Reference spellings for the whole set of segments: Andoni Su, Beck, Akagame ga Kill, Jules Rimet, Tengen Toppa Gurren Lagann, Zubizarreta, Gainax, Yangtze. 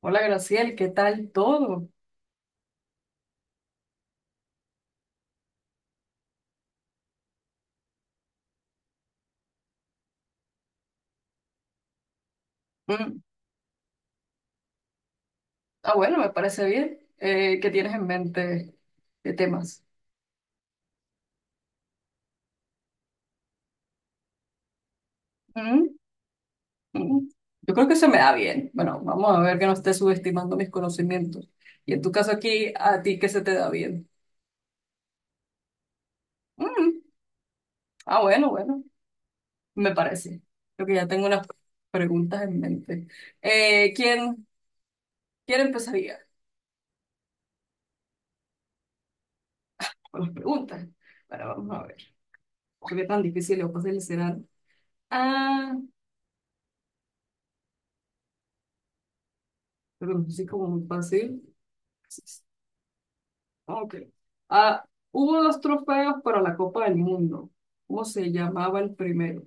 Hola Graciel, ¿qué tal todo? Mm, bueno, me parece bien. ¿Qué tienes en mente de temas? Mm, mm. Yo creo que se me da bien. Bueno, vamos a ver que no esté subestimando mis conocimientos. Y en tu caso aquí, ¿a ti qué se te da bien? Mm, bueno, bueno, me parece. Creo que ya tengo unas preguntas en mente. Eh, ¿quién, Quién empezaría con las preguntas? Bueno, vamos a ver. ¿Qué tan difícil o fácil serán? Ah, pero no sé cómo muy fácil. Ah, ok. Ah, Hubo dos trofeos para la Copa del Mundo. ¿Cómo se llamaba el primero?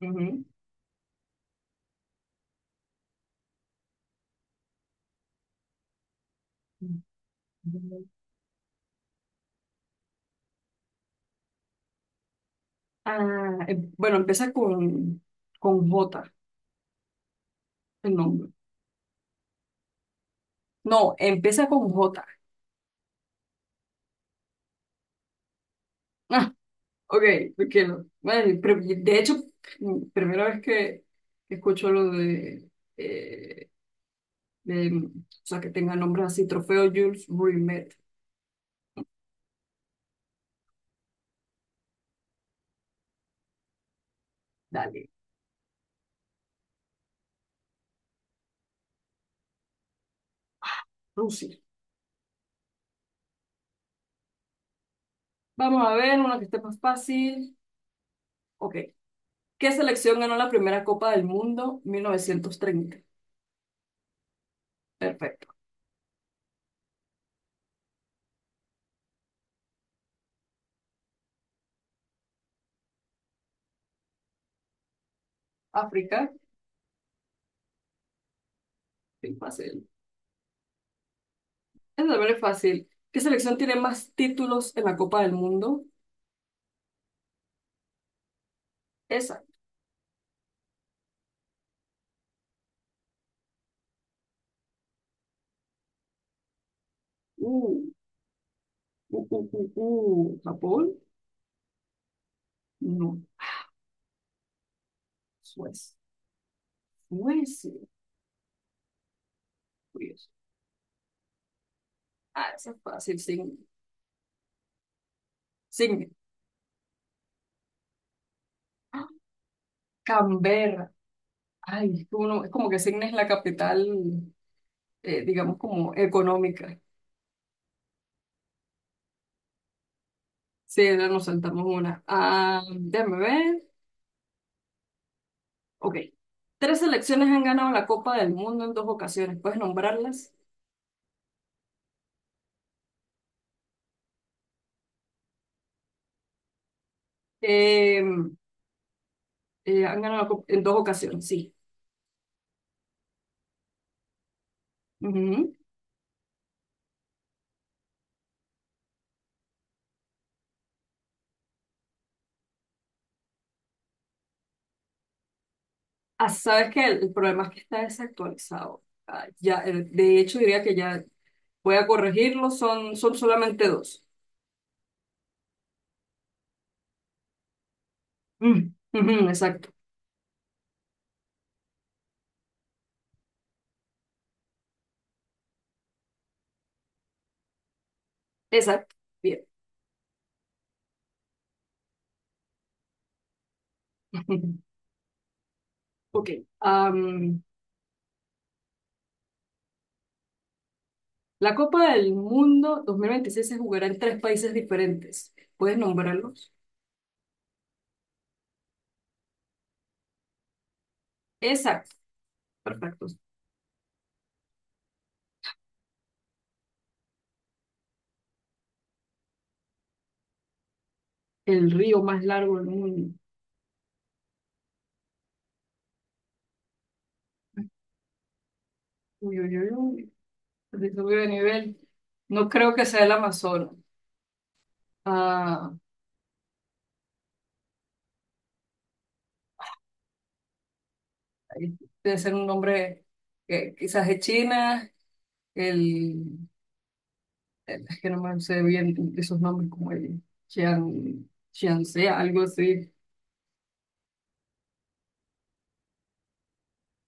Ujú. Bueno, con J, el nombre. No, empieza con J. Ah, ok, porque no. Bueno, pero de hecho, primera vez que escucho lo eh, de, que tenga nombres así, Trofeo Jules Rimet. Dale. Rusia. Vamos a ver una que esté más fácil. Ok, ¿qué selección ganó la primera Copa del Mundo 1930? Perfecto. África, sí, fácil. Es también fácil. ¿Qué selección tiene más títulos en la Copa del Mundo? Esa. Uh, ¿Japón? No. Suecia. Suecia. Curioso. Ah, esa es fácil. Signe. Signe. ¡Ah! Canberra. Ay, uno, es como que Signe es la capital, digamos, como económica. Sí, ahora nos saltamos una. Ah, déjame ver. Ok. Tres selecciones han ganado la Copa del Mundo en dos ocasiones. ¿Puedes nombrarlas? Eh, han ganado la Copa en dos ocasiones, sí. Ujú. Ah, sabes que el problema es que está desactualizado. Ya, de hecho, diría que ya voy a corregirlo. Son solamente dos. Mm, ujú, exacto. Exacto. Bien. Ok. Am, la Copa del Mundo 2026 se jugará en tres países diferentes. ¿Puedes nombrarlos? Exacto. Perfecto. El río más largo del mundo. Uy, uy, uy, uy. Se subió de nivel. No creo que sea el Amazonas. Ah, ahí debe ser un nombre que quizás de China, el, es que no me sé bien esos nombres como el Chiang, Chiangse, algo así.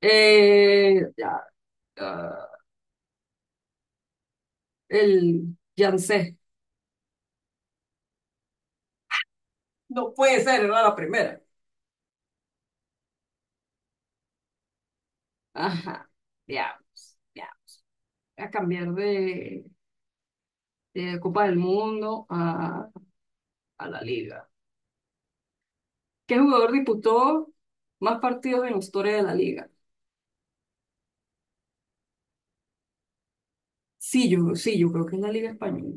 Eh, ya, ah, el Yangtze. No puede ser, era la primera. Ajá, ya, ya. Voy a cambiar de Copa del Mundo a la liga. ¿Qué jugador disputó más partidos en la historia de la liga? Sí, yo, sí, yo creo que es la liga española,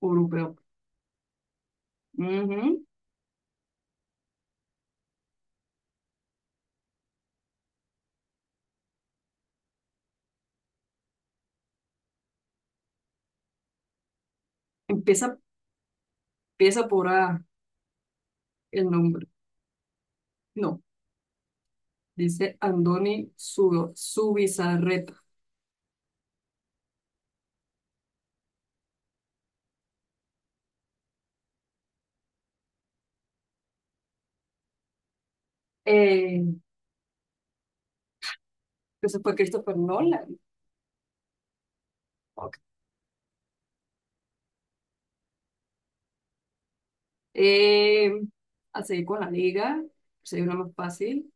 europeo. Ujú. Empieza, empieza por A el nombre. No, dice Andoni Zubizarreta. Eh, entonces fue Christopher Nolan. Ok. Eh, a seguir con la liga, sería una más fácil.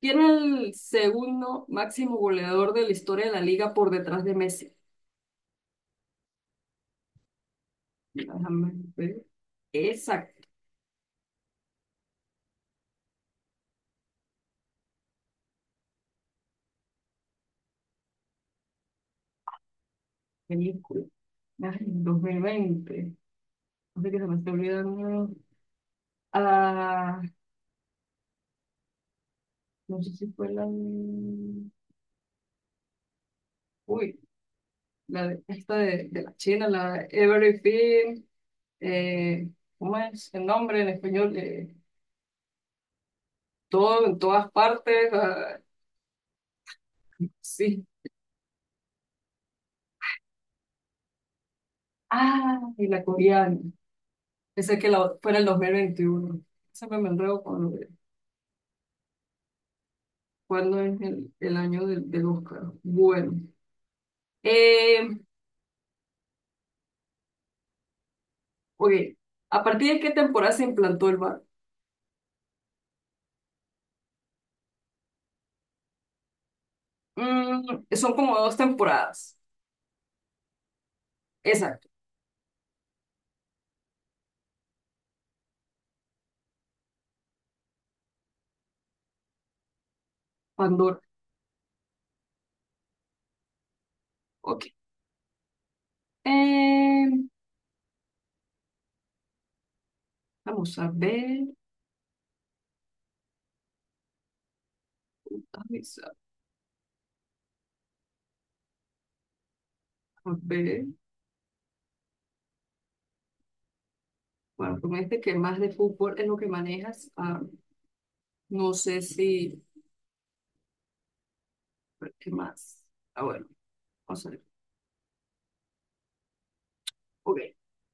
¿Quién es el segundo máximo goleador de la historia de la liga por detrás de Messi? Déjame ver. Esa película. Ay, 2020. No sé qué se me está olvidando. Ah, no sé si fue Uy, la de, de la China, la de Everything. eh, ¿Cómo es el nombre en español? Todo, en todas partes. Ah, sí. Ah, y la coreana. Pensé que fuera el 2021. Siempre me enredo con lo de cuándo es el año del Oscar. Bueno. eh, Ok, ¿a partir de qué temporada se implantó el bar? Mm, son como dos temporadas. Exacto. Pandora. Ok. Eh, vamos a ver. Vamos a ver. Bueno, tú me dijiste que más de fútbol es lo que manejas. Ah, no sé si. ¿Qué más? Ah, bueno, vamos a ver. Ok.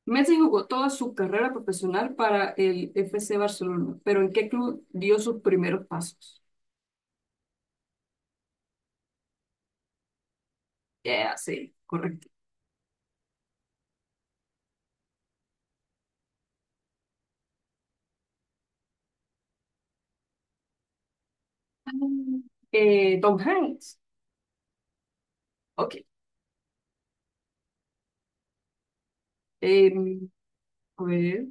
Messi jugó toda su carrera profesional para el FC Barcelona, pero ¿en qué club dio sus primeros pasos? Ya, sí, correcto. Ah, Tom Hanks. Ok. Eh, a ver.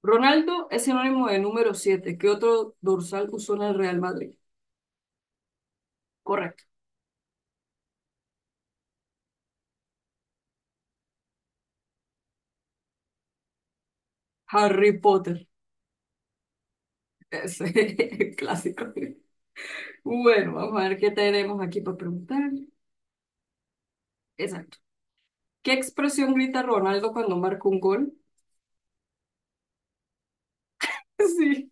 Ronaldo es sinónimo de número siete. ¿Qué otro dorsal usó en el Real Madrid? Correcto. Harry Potter. Ese es clásico. Bueno, vamos a ver qué tenemos aquí para preguntar. Exacto. ¿Qué expresión grita Ronaldo cuando marca un gol? Sí.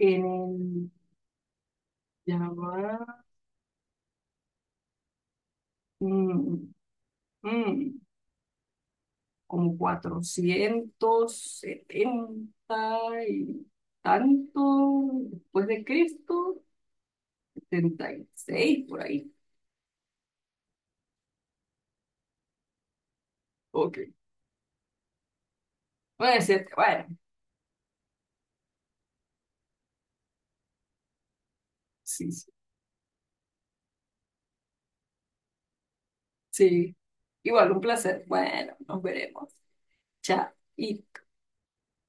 En el... Ya va. mm, mm, Como 470 y tanto después de Cristo. 76, por ahí. Ok. Noventa y siete, bueno, sí, sí. Sí. Igual un placer. Bueno, nos veremos. Chao. Y